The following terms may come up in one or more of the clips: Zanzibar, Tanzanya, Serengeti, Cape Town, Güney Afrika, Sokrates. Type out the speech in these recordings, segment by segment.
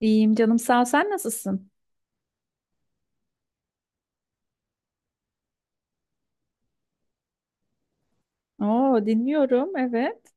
İyiyim canım sağ ol. Sen nasılsın? Oo, dinliyorum. Evet.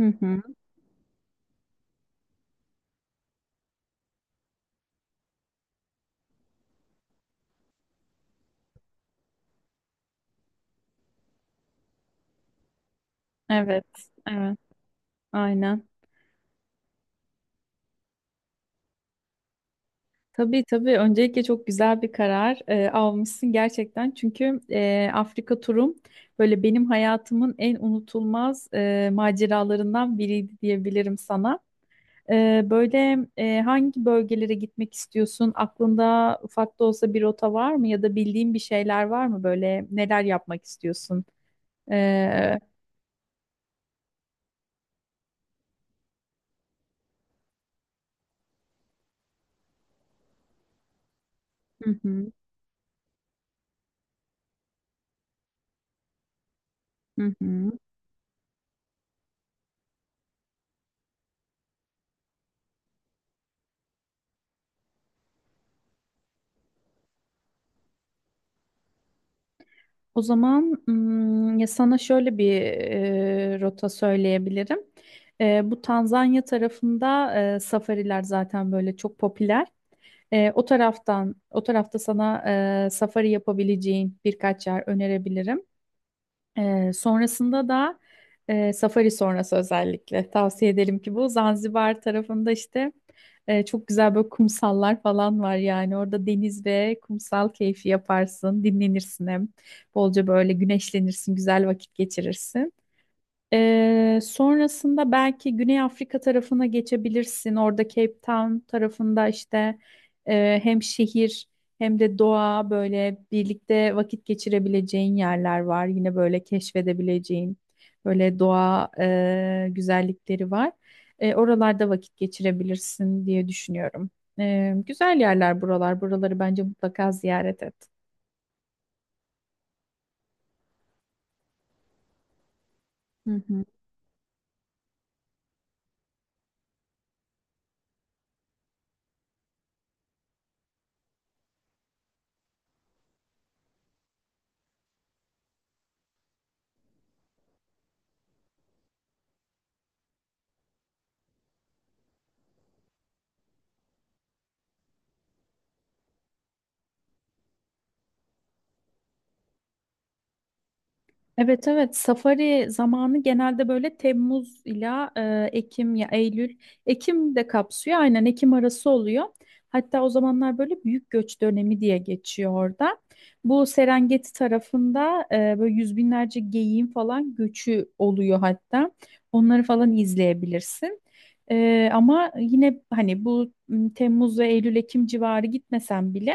Hı hı. Evet. Evet. Aynen. Tabii, tabii. Öncelikle çok güzel bir karar almışsın gerçekten. Çünkü Afrika turum böyle benim hayatımın en unutulmaz maceralarından biriydi diyebilirim sana. Böyle hangi bölgelere gitmek istiyorsun? Aklında ufak da olsa bir rota var mı? Ya da bildiğin bir şeyler var mı? Böyle neler yapmak istiyorsun? E, Hı hı. Hı hı. O zaman ya sana şöyle bir rota söyleyebilirim. Bu Tanzanya tarafında safariler zaten böyle çok popüler. O taraftan, o tarafta sana safari yapabileceğin birkaç yer önerebilirim. Sonrasında da safari sonrası özellikle tavsiye edelim ki bu Zanzibar tarafında işte çok güzel böyle kumsallar falan var yani orada deniz ve kumsal keyfi yaparsın, dinlenirsin, hem bolca böyle güneşlenirsin, güzel vakit geçirirsin. Sonrasında belki Güney Afrika tarafına geçebilirsin. Orada Cape Town tarafında işte hem şehir hem de doğa böyle birlikte vakit geçirebileceğin yerler var. Yine böyle keşfedebileceğin böyle doğa güzellikleri var. Oralarda vakit geçirebilirsin diye düşünüyorum. Güzel yerler buralar. Buraları bence mutlaka ziyaret et. Hı hı. Evet, evet, safari zamanı genelde böyle Temmuz ila Ekim ya Eylül Ekim de kapsıyor, aynen Ekim arası oluyor. Hatta o zamanlar böyle büyük göç dönemi diye geçiyor orada. Bu Serengeti tarafında böyle yüz binlerce geyiğin falan göçü oluyor hatta. Onları falan izleyebilirsin. Ama yine hani bu Temmuz ve Eylül Ekim civarı gitmesen bile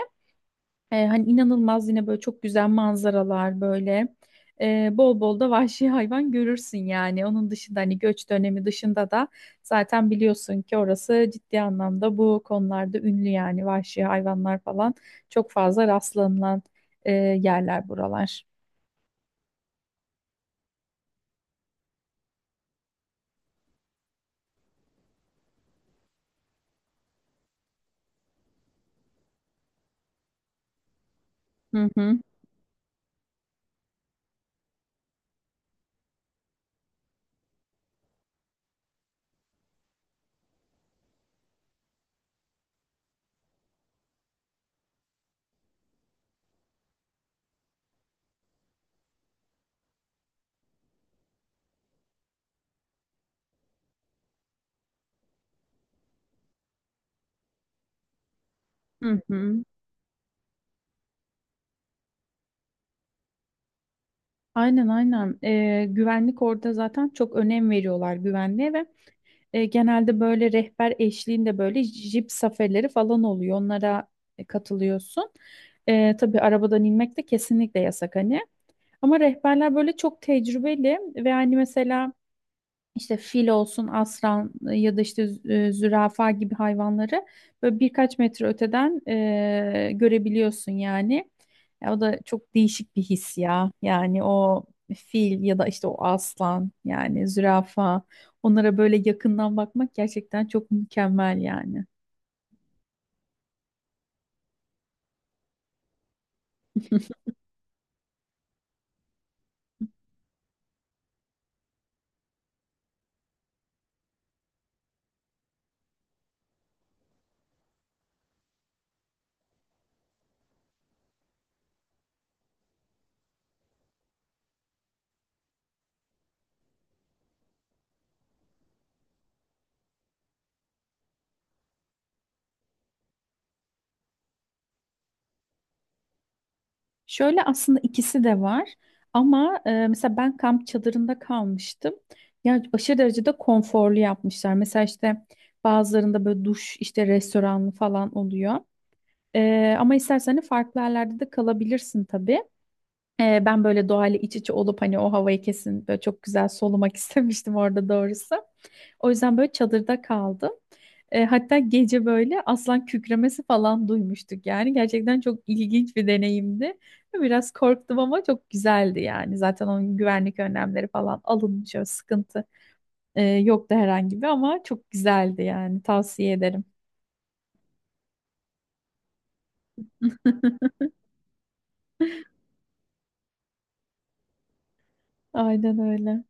hani inanılmaz, yine böyle çok güzel manzaralar böyle. Bol bol da vahşi hayvan görürsün yani. Onun dışında hani göç dönemi dışında da zaten biliyorsun ki orası ciddi anlamda bu konularda ünlü yani vahşi hayvanlar falan çok fazla rastlanılan yerler buralar. Hı hı. Hı hı. Aynen, aynen. Güvenlik orada zaten, çok önem veriyorlar güvenliğe. Ve genelde böyle rehber eşliğinde böyle jip safarileri falan oluyor. Onlara katılıyorsun. Tabii arabadan inmek de kesinlikle yasak hani. Ama rehberler böyle çok tecrübeli ve hani mesela işte fil olsun, aslan ya da işte zürafa gibi hayvanları böyle birkaç metre öteden görebiliyorsun yani. O da çok değişik bir his ya. Yani o fil ya da işte o aslan yani zürafa, onlara böyle yakından bakmak gerçekten çok mükemmel yani. Şöyle, aslında ikisi de var ama mesela ben kamp çadırında kalmıştım. Yani aşırı derecede konforlu yapmışlar. Mesela işte bazılarında böyle duş, işte restoranlı falan oluyor. Ama istersen hani farklı yerlerde de kalabilirsin tabii. Ben böyle doğayla iç içe olup hani o havayı kesin böyle çok güzel solumak istemiştim orada doğrusu. O yüzden böyle çadırda kaldım. Hatta gece böyle aslan kükremesi falan duymuştuk yani. Gerçekten çok ilginç bir deneyimdi. Biraz korktum ama çok güzeldi yani. Zaten onun güvenlik önlemleri falan alınmış. Öyle sıkıntı yoktu herhangi bir, ama çok güzeldi yani. Tavsiye ederim. Aynen öyle.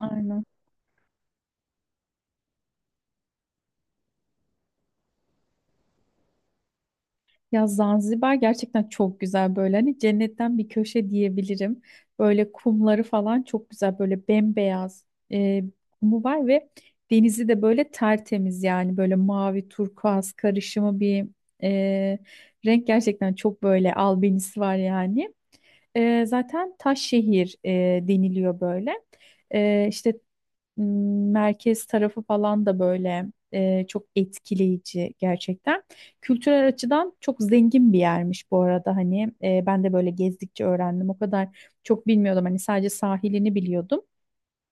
Aynen. Ya Zanzibar gerçekten çok güzel, böyle hani cennetten bir köşe diyebilirim. Böyle kumları falan çok güzel, böyle bembeyaz e, kumu var ve denizi de böyle tertemiz yani böyle mavi turkuaz karışımı bir e, renk, gerçekten çok böyle albenisi var yani. Zaten taş şehir deniliyor böyle. E, işte m, merkez tarafı falan da böyle çok etkileyici gerçekten. Kültürel açıdan çok zengin bir yermiş bu arada hani, ben de böyle gezdikçe öğrendim. O kadar çok bilmiyordum hani, sadece sahilini biliyordum.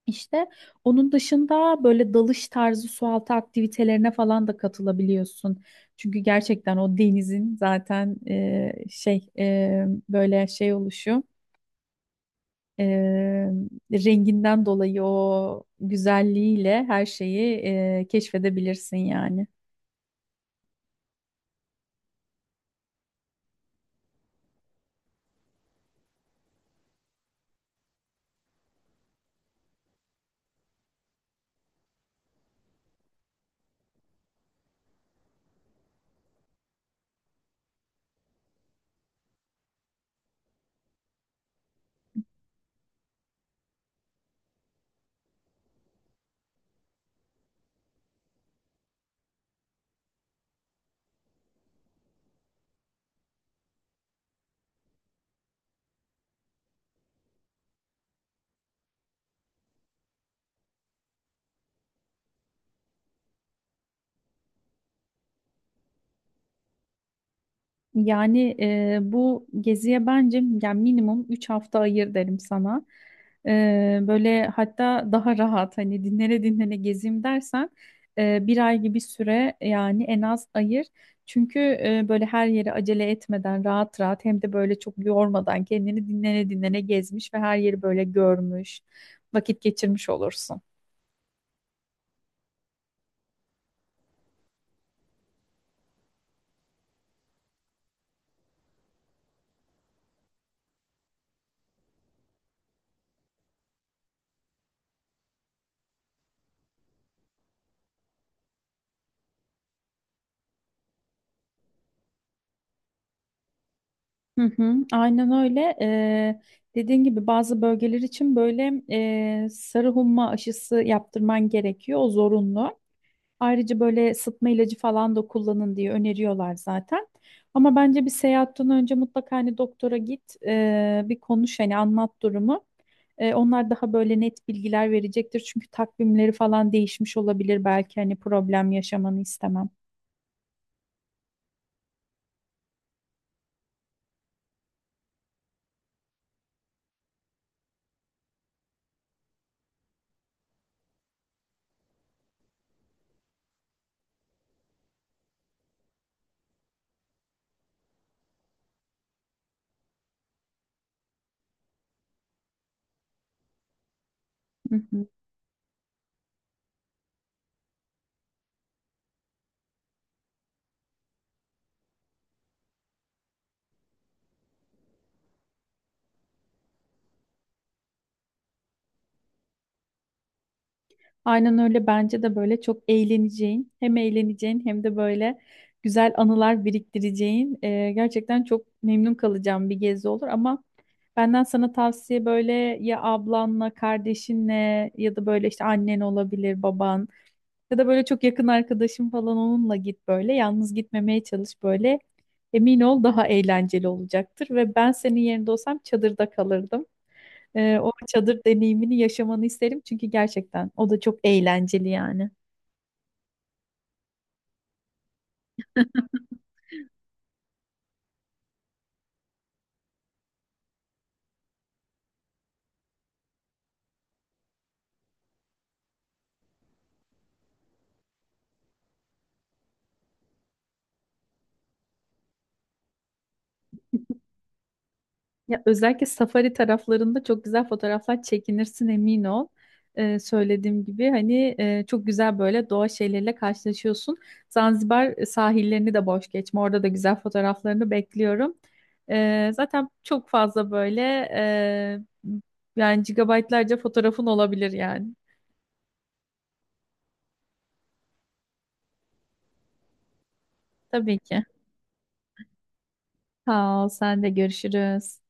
İşte onun dışında böyle dalış tarzı sualtı aktivitelerine falan da katılabiliyorsun. Çünkü gerçekten o denizin zaten böyle şey oluşu. Eee, renginden dolayı o güzelliğiyle her şeyi keşfedebilirsin yani. Yani bu geziye bence yani minimum 3 hafta ayır derim sana. Böyle hatta daha rahat hani, dinlene dinlene gezeyim dersen bir ay gibi süre yani en az ayır. Çünkü böyle her yere acele etmeden rahat rahat, hem de böyle çok yormadan kendini, dinlene dinlene gezmiş ve her yeri böyle görmüş, vakit geçirmiş olursun. Hı hı, aynen öyle. Dediğin gibi bazı bölgeler için böyle sarı humma aşısı yaptırman gerekiyor. O zorunlu. Ayrıca böyle sıtma ilacı falan da kullanın diye öneriyorlar zaten. Ama bence bir seyahatten önce mutlaka hani doktora git, bir konuş, hani anlat durumu. Onlar daha böyle net bilgiler verecektir. Çünkü takvimleri falan değişmiş olabilir. Belki hani, problem yaşamanı istemem. Hı hı. Aynen öyle, bence de böyle çok eğleneceğin, hem eğleneceğin hem de böyle güzel anılar biriktireceğin gerçekten çok memnun kalacağım bir gezi olur. Ama benden sana tavsiye, böyle ya ablanla, kardeşinle ya da böyle işte annen olabilir, baban. Ya da böyle çok yakın arkadaşım falan, onunla git böyle. Yalnız gitmemeye çalış böyle. Emin ol, daha eğlenceli olacaktır. Ve ben senin yerinde olsam çadırda kalırdım. O çadır deneyimini yaşamanı isterim. Çünkü gerçekten o da çok eğlenceli yani. Ya özellikle safari taraflarında çok güzel fotoğraflar çekinirsin, emin ol. Söylediğim gibi hani çok güzel böyle doğa şeyleriyle karşılaşıyorsun. Zanzibar sahillerini de boş geçme. Orada da güzel fotoğraflarını bekliyorum. Zaten çok fazla böyle e, yani gigabaytlarca fotoğrafın olabilir yani. Tabii ki. Sağ ol, sen de, görüşürüz.